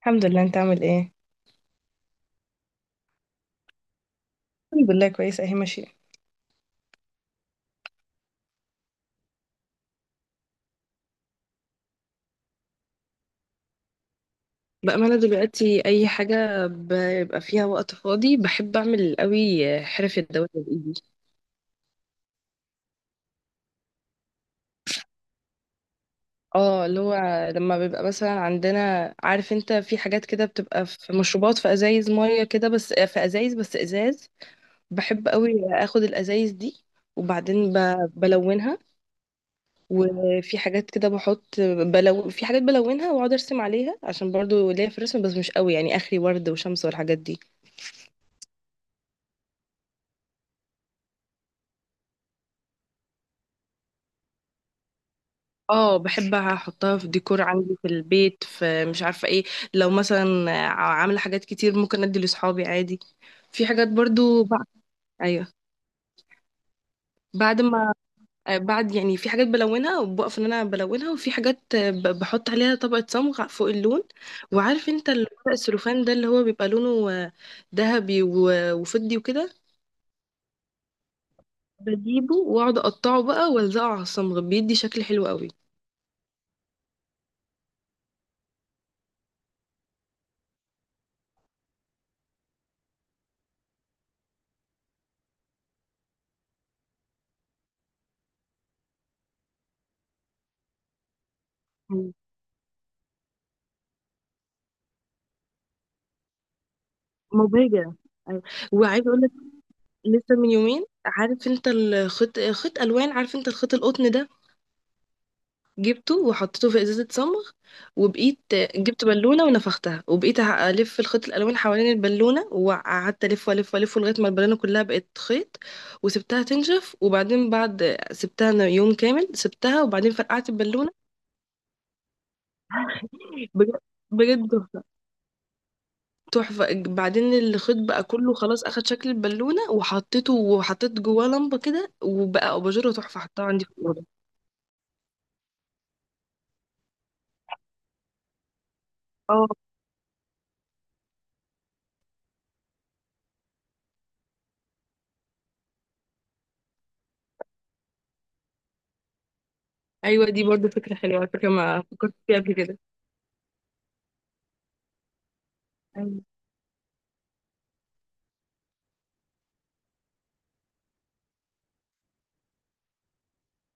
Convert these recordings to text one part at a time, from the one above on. الحمد لله. انت عامل ايه؟ الحمد لله، كويس اهي ماشيه. بأمانة دلوقتي أي حاجة بيبقى فيها وقت فاضي بحب أعمل قوي حرف الدوائر بإيدي. اه، اللي هو لما بيبقى مثلا عندنا، عارف انت، في حاجات كده بتبقى، في مشروبات، في أزايز مية كده، بس في أزايز، بس إزاز. بحب قوي أخد الأزايز دي، وبعدين بلونها. وفي حاجات كده بحط بلون، في حاجات بلونها واقعد ارسم عليها، عشان برضو ليا في الرسم بس مش قوي يعني، اخري ورد وشمس والحاجات دي. اه، بحب احطها في ديكور عندي في البيت، في مش عارفه ايه. لو مثلا عامله حاجات كتير ممكن ادي لاصحابي عادي. في حاجات برضو بعد. ايوه. بعد ما بعد يعني في حاجات بلونها وبقف ان انا بلونها، وفي حاجات بحط عليها طبقه صمغ فوق اللون. وعارف انت الورق السلوفان ده اللي هو بيبقى لونه ذهبي وفضي وكده. بجيبه واقعد اقطعه بقى والزقه على الصمغ بيدي، شكل حلو قوي. مبهجة. أيوة. وعايزة اقول، لسه من يومين، عارف انت الخيط، خيط الوان، عارف انت الخيط القطن ده، جبته وحطيته في ازازه صمغ وبقيت، جبت بالونه ونفختها وبقيت الف الخيط الالوان حوالين البالونه، وقعدت الف والف والف لغايه ما البالونه كلها بقت خيط. وسبتها تنشف، وبعدين بعد سبتها أنا يوم كامل سبتها، وبعدين فرقعت البالونه. بجد. بجد تحفه. تحفه، بعدين الخيط بقى كله خلاص اخد شكل البالونه، وحطيته وحطيت جواه لمبه كده، وبقى اباجوره تحفه حطها عندي في الاوضه. اه، ايوه، دي برضو فكره حلوه على فكره، ما فكرت فيها قبل كده. أيوة.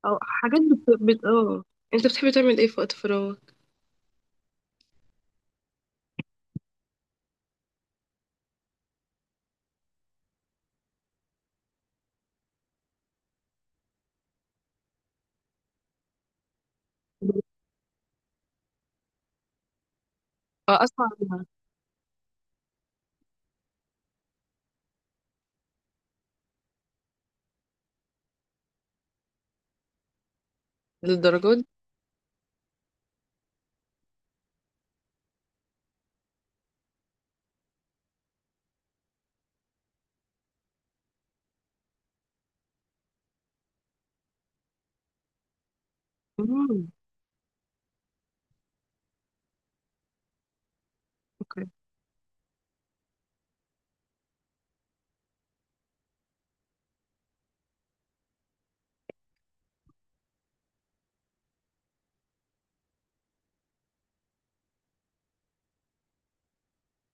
او حاجات بت... بت... اه انت بتحبي تعمل ايه في وقت فراغ؟ اه، اسمع عنها. للدرجات دي؟ مم. اوكي.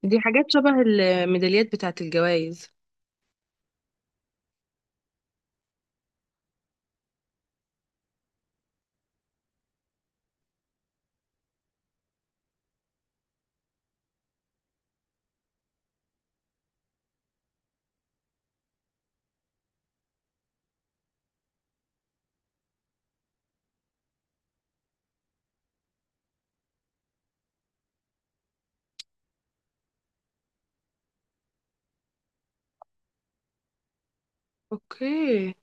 دي حاجات شبه الميداليات بتاعت الجوائز. اوكي.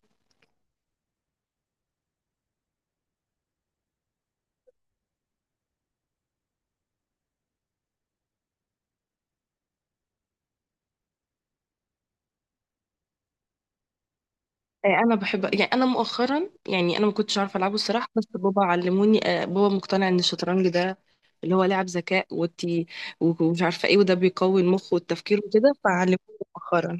انا بحب، يعني انا مؤخرا، يعني انا ما كنتش عارفه العبه الصراحه، بس بابا علموني. بابا مقتنع ان الشطرنج ده اللي هو لعب ذكاء وتي، ومش عارفه ايه، وده بيقوي المخ والتفكير وكده، فعلموني مؤخرا.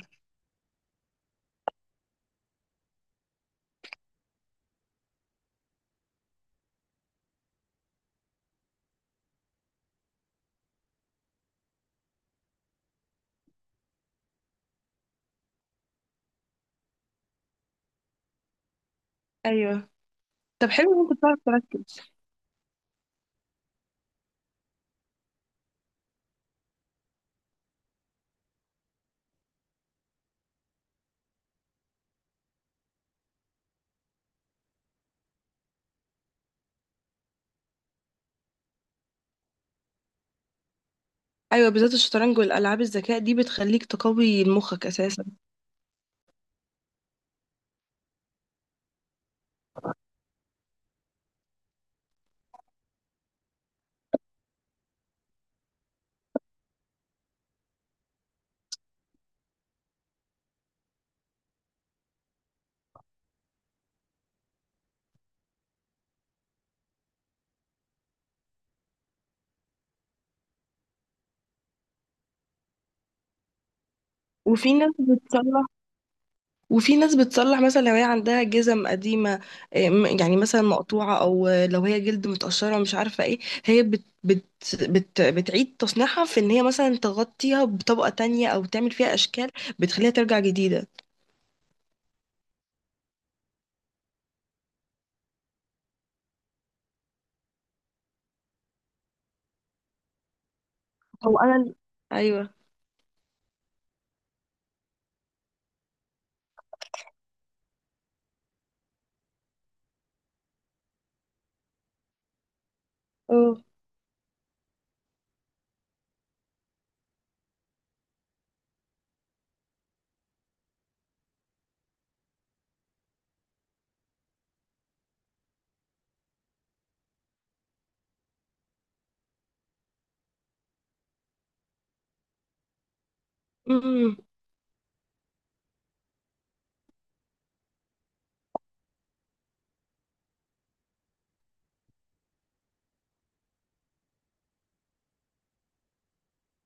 ايوه. طب، حلو ان انت بتعرف تركز. ايوه، بالذات الشطرنج والالعاب الذكاء دي بتخليك تقوي مخك اساسا. وفي ناس بتصلح، وفي ناس بتصلح مثلا لو هي عندها جزم قديمه، إيه، يعني مثلا مقطوعه، او لو هي جلد متقشره مش عارفه ايه. هي بت بت بت بتعيد تصنيعها، في ان هي مثلا تغطيها بطبقه تانية، او تعمل فيها اشكال بتخليها ترجع جديده. هو انا ايوه. اه.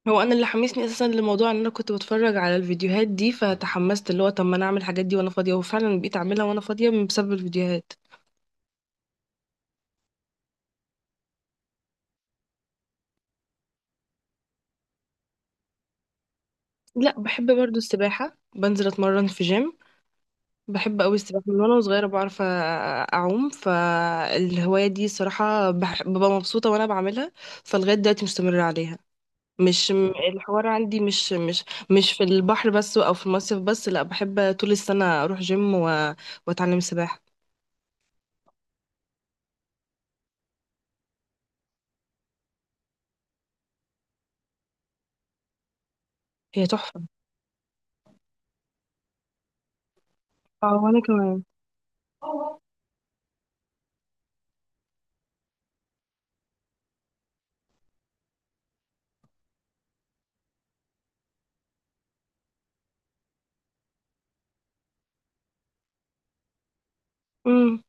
هو انا اللي حمسني اساسا للموضوع، ان انا كنت بتفرج على الفيديوهات دي فتحمست اللي هو، طب ما انا اعمل الحاجات دي وانا فاضيه، وفعلا بقيت اعملها وانا فاضيه من بسبب الفيديوهات. لا، بحب برضو السباحه، بنزل اتمرن في جيم. بحب قوي السباحه من وانا صغيره، بعرف اعوم، فالهوايه دي صراحه ببقى مبسوطه وانا بعملها، فلغايه دلوقتي مستمره عليها. مش م- الحوار عندي مش في البحر بس او في المصيف بس، لا بحب طول السنه اروح جيم واتعلم سباحه. هي تحفه. اه، وانا كمان. مم.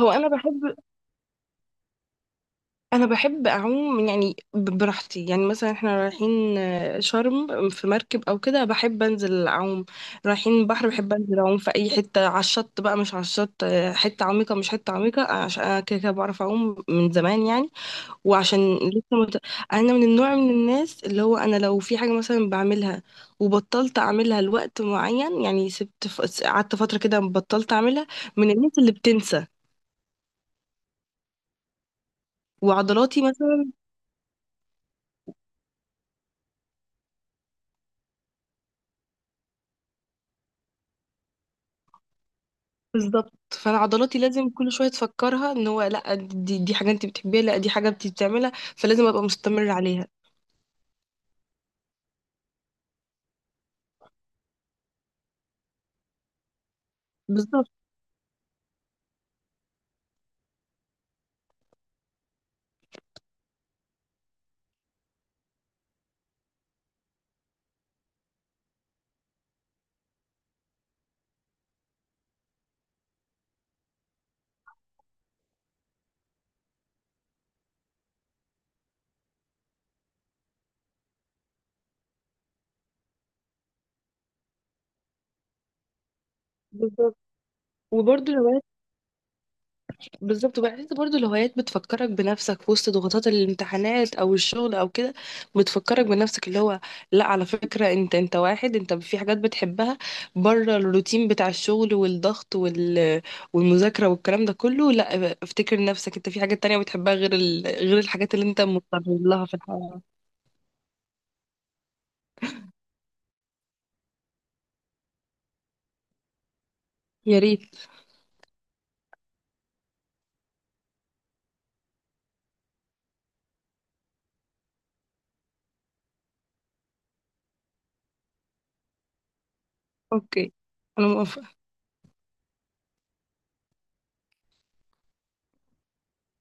هو انا بحب انا بحب اعوم، يعني براحتي، يعني مثلا احنا رايحين شرم في مركب او كده، بحب انزل اعوم. رايحين بحر بحب انزل اعوم في اي حته، على الشط بقى مش على الشط، حته عميقه مش حته عميقه، عشان انا كده كده بعرف اعوم من زمان يعني. وعشان لسه انا من النوع من الناس، اللي هو انا لو في حاجه مثلا بعملها وبطلت اعملها لوقت معين، يعني سبت قعدت فتره كده بطلت اعملها، من الناس اللي بتنسى وعضلاتي. بالظبط، فانا عضلاتي لازم كل شويه تفكرها ان هو لا، دي حاجه انت بتحبيها، لا دي حاجه انت بتعملها، فلازم ابقى مستمر عليها. بالظبط. بالظبط. وبرضه الهوايات بالظبط، وبحس برضه الهوايات بتفكرك بنفسك في وسط ضغوطات الامتحانات او الشغل او كده، بتفكرك بنفسك اللي هو لا، على فكره انت واحد، انت في حاجات بتحبها بره الروتين بتاع الشغل والضغط والمذاكره والكلام ده كله، لا، افتكر نفسك انت في حاجات تانية بتحبها غير غير الحاجات اللي انت مضطر لها في الحياه. يا ريت. اوكي. انا موافقة.